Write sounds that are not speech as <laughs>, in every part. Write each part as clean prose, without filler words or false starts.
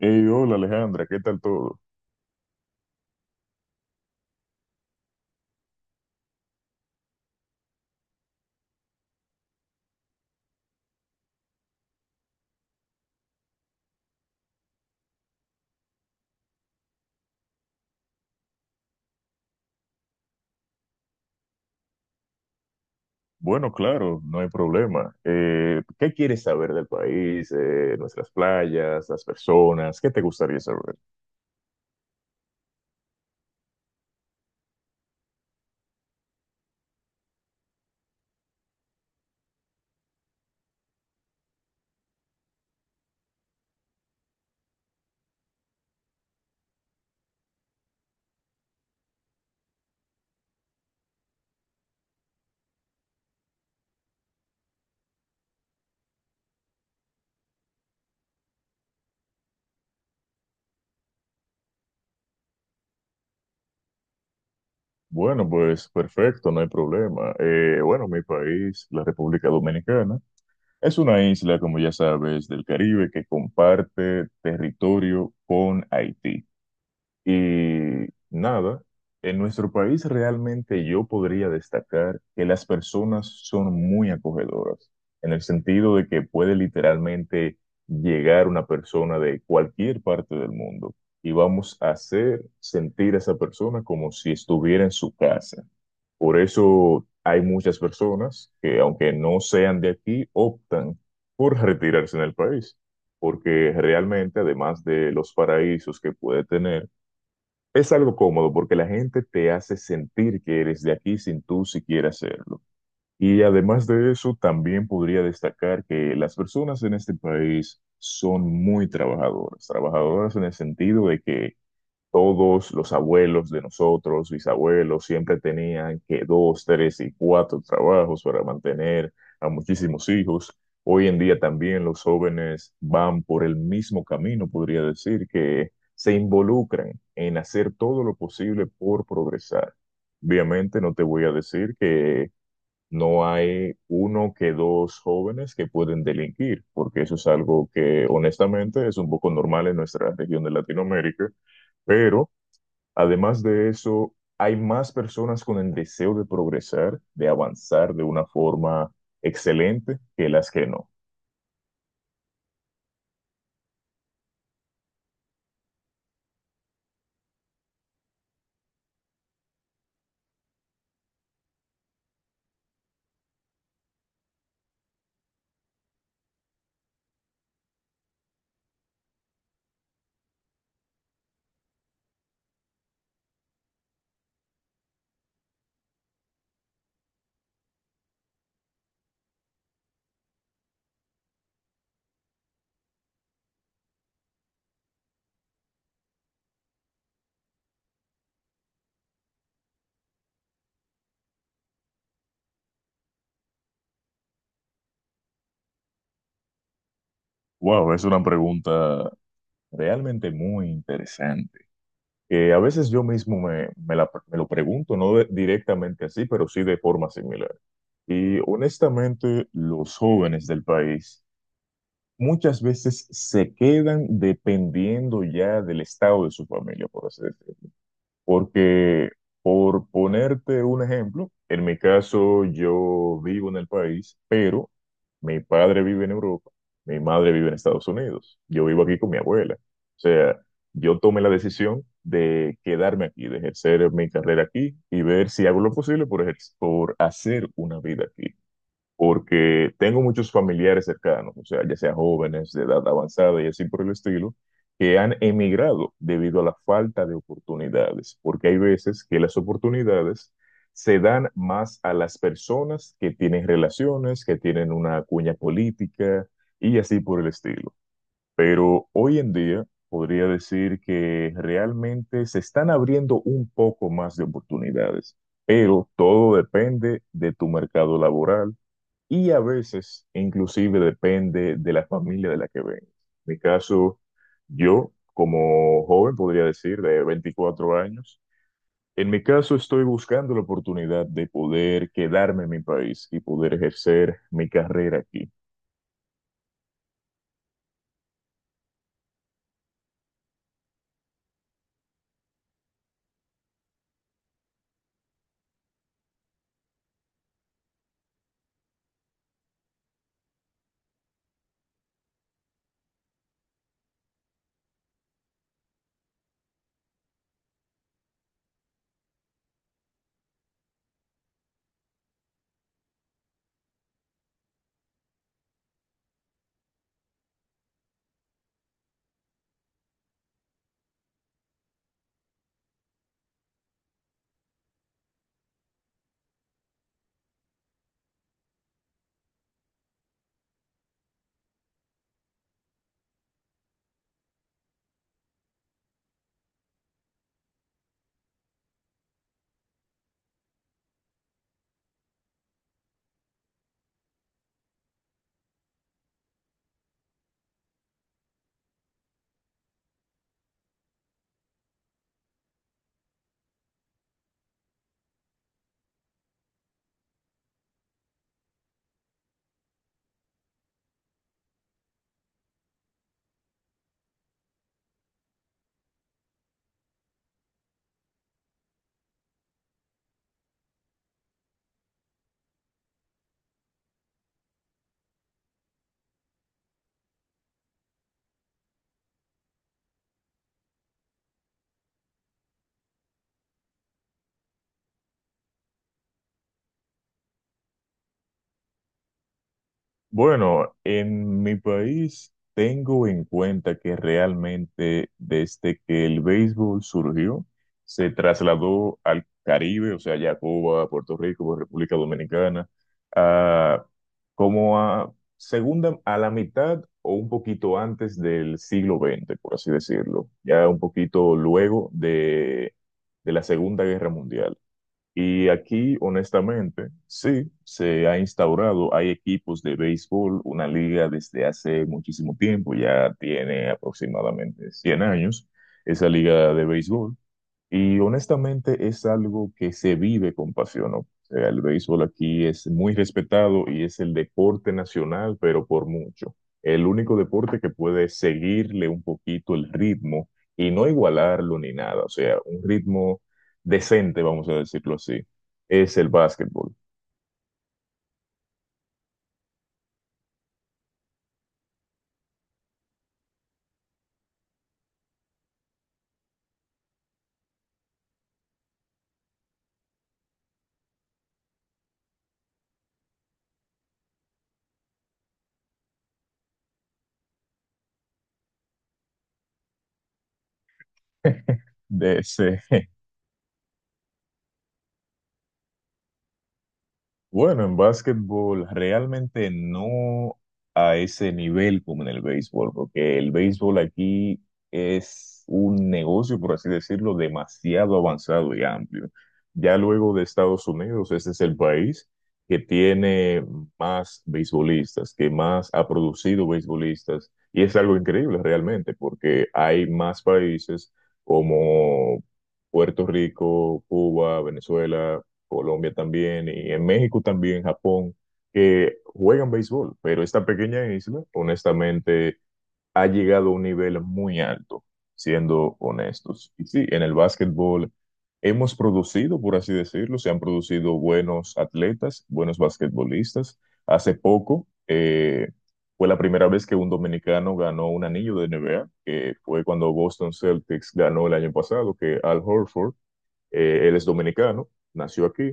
Hey, hola Alejandra, ¿qué tal todo? Bueno, claro, no hay problema. ¿Qué quieres saber del país, nuestras playas, las personas? ¿Qué te gustaría saber? Bueno, pues perfecto, no hay problema. Bueno, mi país, la República Dominicana, es una isla, como ya sabes, del Caribe que comparte territorio con Haití. Y nada, en nuestro país realmente yo podría destacar que las personas son muy acogedoras, en el sentido de que puede literalmente llegar una persona de cualquier parte del mundo y vamos a hacer sentir a esa persona como si estuviera en su casa. Por eso hay muchas personas que, aunque no sean de aquí, optan por retirarse en el país, porque realmente, además de los paraísos que puede tener, es algo cómodo porque la gente te hace sentir que eres de aquí sin tú siquiera hacerlo. Y además de eso, también podría destacar que las personas en este país son muy trabajadoras, trabajadoras en el sentido de que todos los abuelos de nosotros, bisabuelos, siempre tenían que dos, tres y cuatro trabajos para mantener a muchísimos hijos. Hoy en día también los jóvenes van por el mismo camino, podría decir, que se involucran en hacer todo lo posible por progresar. Obviamente no te voy a decir que no hay uno que dos jóvenes que pueden delinquir, porque eso es algo que honestamente es un poco normal en nuestra región de Latinoamérica, pero además de eso, hay más personas con el deseo de progresar, de avanzar de una forma excelente que las que no. Wow, es una pregunta realmente muy interesante. Que a veces yo mismo me lo pregunto, no directamente así, pero sí de forma similar. Y honestamente, los jóvenes del país muchas veces se quedan dependiendo ya del estado de su familia, por así decirlo. Porque, por ponerte un ejemplo, en mi caso yo vivo en el país, pero mi padre vive en Europa, mi madre vive en Estados Unidos, yo vivo aquí con mi abuela. O sea, yo tomé la decisión de quedarme aquí, de ejercer mi carrera aquí y ver si hago lo posible por hacer una vida aquí porque tengo muchos familiares cercanos, o sea, ya sea jóvenes de edad avanzada y así por el estilo, que han emigrado debido a la falta de oportunidades, porque hay veces que las oportunidades se dan más a las personas que tienen relaciones, que tienen una cuña política y así por el estilo. Pero hoy en día podría decir que realmente se están abriendo un poco más de oportunidades, pero todo depende de tu mercado laboral y a veces, inclusive, depende de la familia de la que vengas. En mi caso, yo, como joven, podría decir, de 24 años, en mi caso estoy buscando la oportunidad de poder quedarme en mi país y poder ejercer mi carrera aquí. Bueno, en mi país tengo en cuenta que realmente desde que el béisbol surgió, se trasladó al Caribe, o sea, ya a Cuba, Puerto Rico, República Dominicana, a- como a segunda, a la mitad o un poquito antes del siglo XX, por así decirlo, ya un poquito luego de la Segunda Guerra Mundial. Y aquí, honestamente, sí, se ha instaurado, hay equipos de béisbol, una liga desde hace muchísimo tiempo, ya tiene aproximadamente 100 años, esa liga de béisbol. Y honestamente es algo que se vive con pasión, ¿no? O sea, el béisbol aquí es muy respetado y es el deporte nacional, pero por mucho. El único deporte que puede seguirle un poquito el ritmo y no igualarlo ni nada. O sea, un ritmo decente, vamos a decirlo así, es el básquetbol. De ese- <laughs> Bueno, en básquetbol realmente no a ese nivel como en el béisbol, porque el béisbol aquí es un negocio, por así decirlo, demasiado avanzado y amplio. Ya luego de Estados Unidos, ese es el país que tiene más beisbolistas, que más ha producido beisbolistas, y es algo increíble realmente, porque hay más países como Puerto Rico, Cuba, Venezuela. Colombia también, y en México también, Japón, que juegan béisbol, pero esta pequeña isla, honestamente, ha llegado a un nivel muy alto, siendo honestos. Y sí, en el básquetbol hemos producido, por así decirlo, se han producido buenos atletas, buenos basquetbolistas. Hace poco fue la primera vez que un dominicano ganó un anillo de NBA, que fue cuando Boston Celtics ganó el año pasado, que Al Horford él es dominicano, nació aquí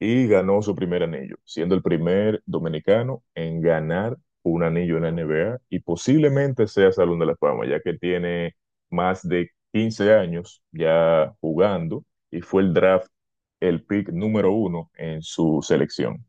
y ganó su primer anillo, siendo el primer dominicano en ganar un anillo en la NBA y posiblemente sea Salón de la Fama, ya que tiene más de 15 años ya jugando y fue el draft, el pick número uno en su selección.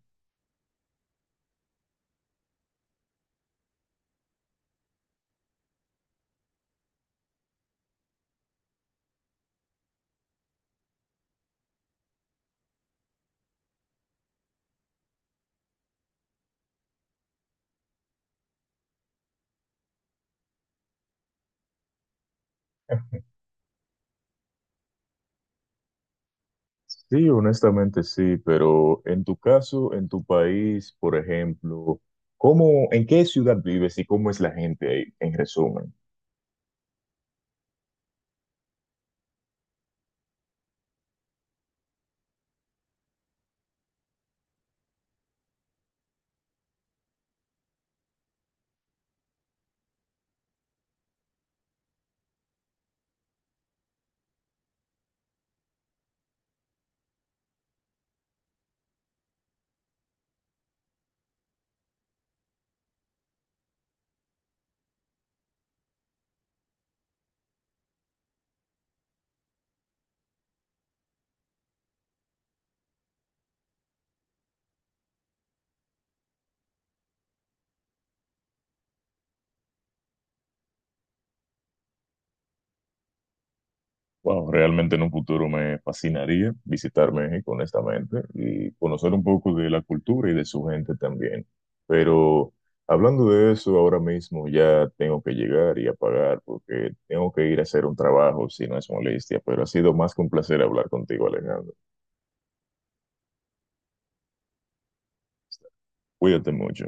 Sí, honestamente sí, pero en tu caso, en tu país, por ejemplo, ¿cómo, en qué ciudad vives y cómo es la gente ahí, en resumen? Wow, realmente en un futuro me fascinaría visitar México, honestamente, y conocer un poco de la cultura y de su gente también. Pero hablando de eso, ahora mismo ya tengo que llegar y apagar porque tengo que ir a hacer un trabajo, si no es molestia, pero ha sido más que un placer hablar contigo, Alejandro. Cuídate mucho.